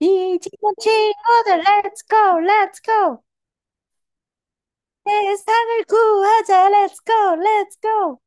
이 친구들 let's go let's go 세상을 구하자 let's go let's go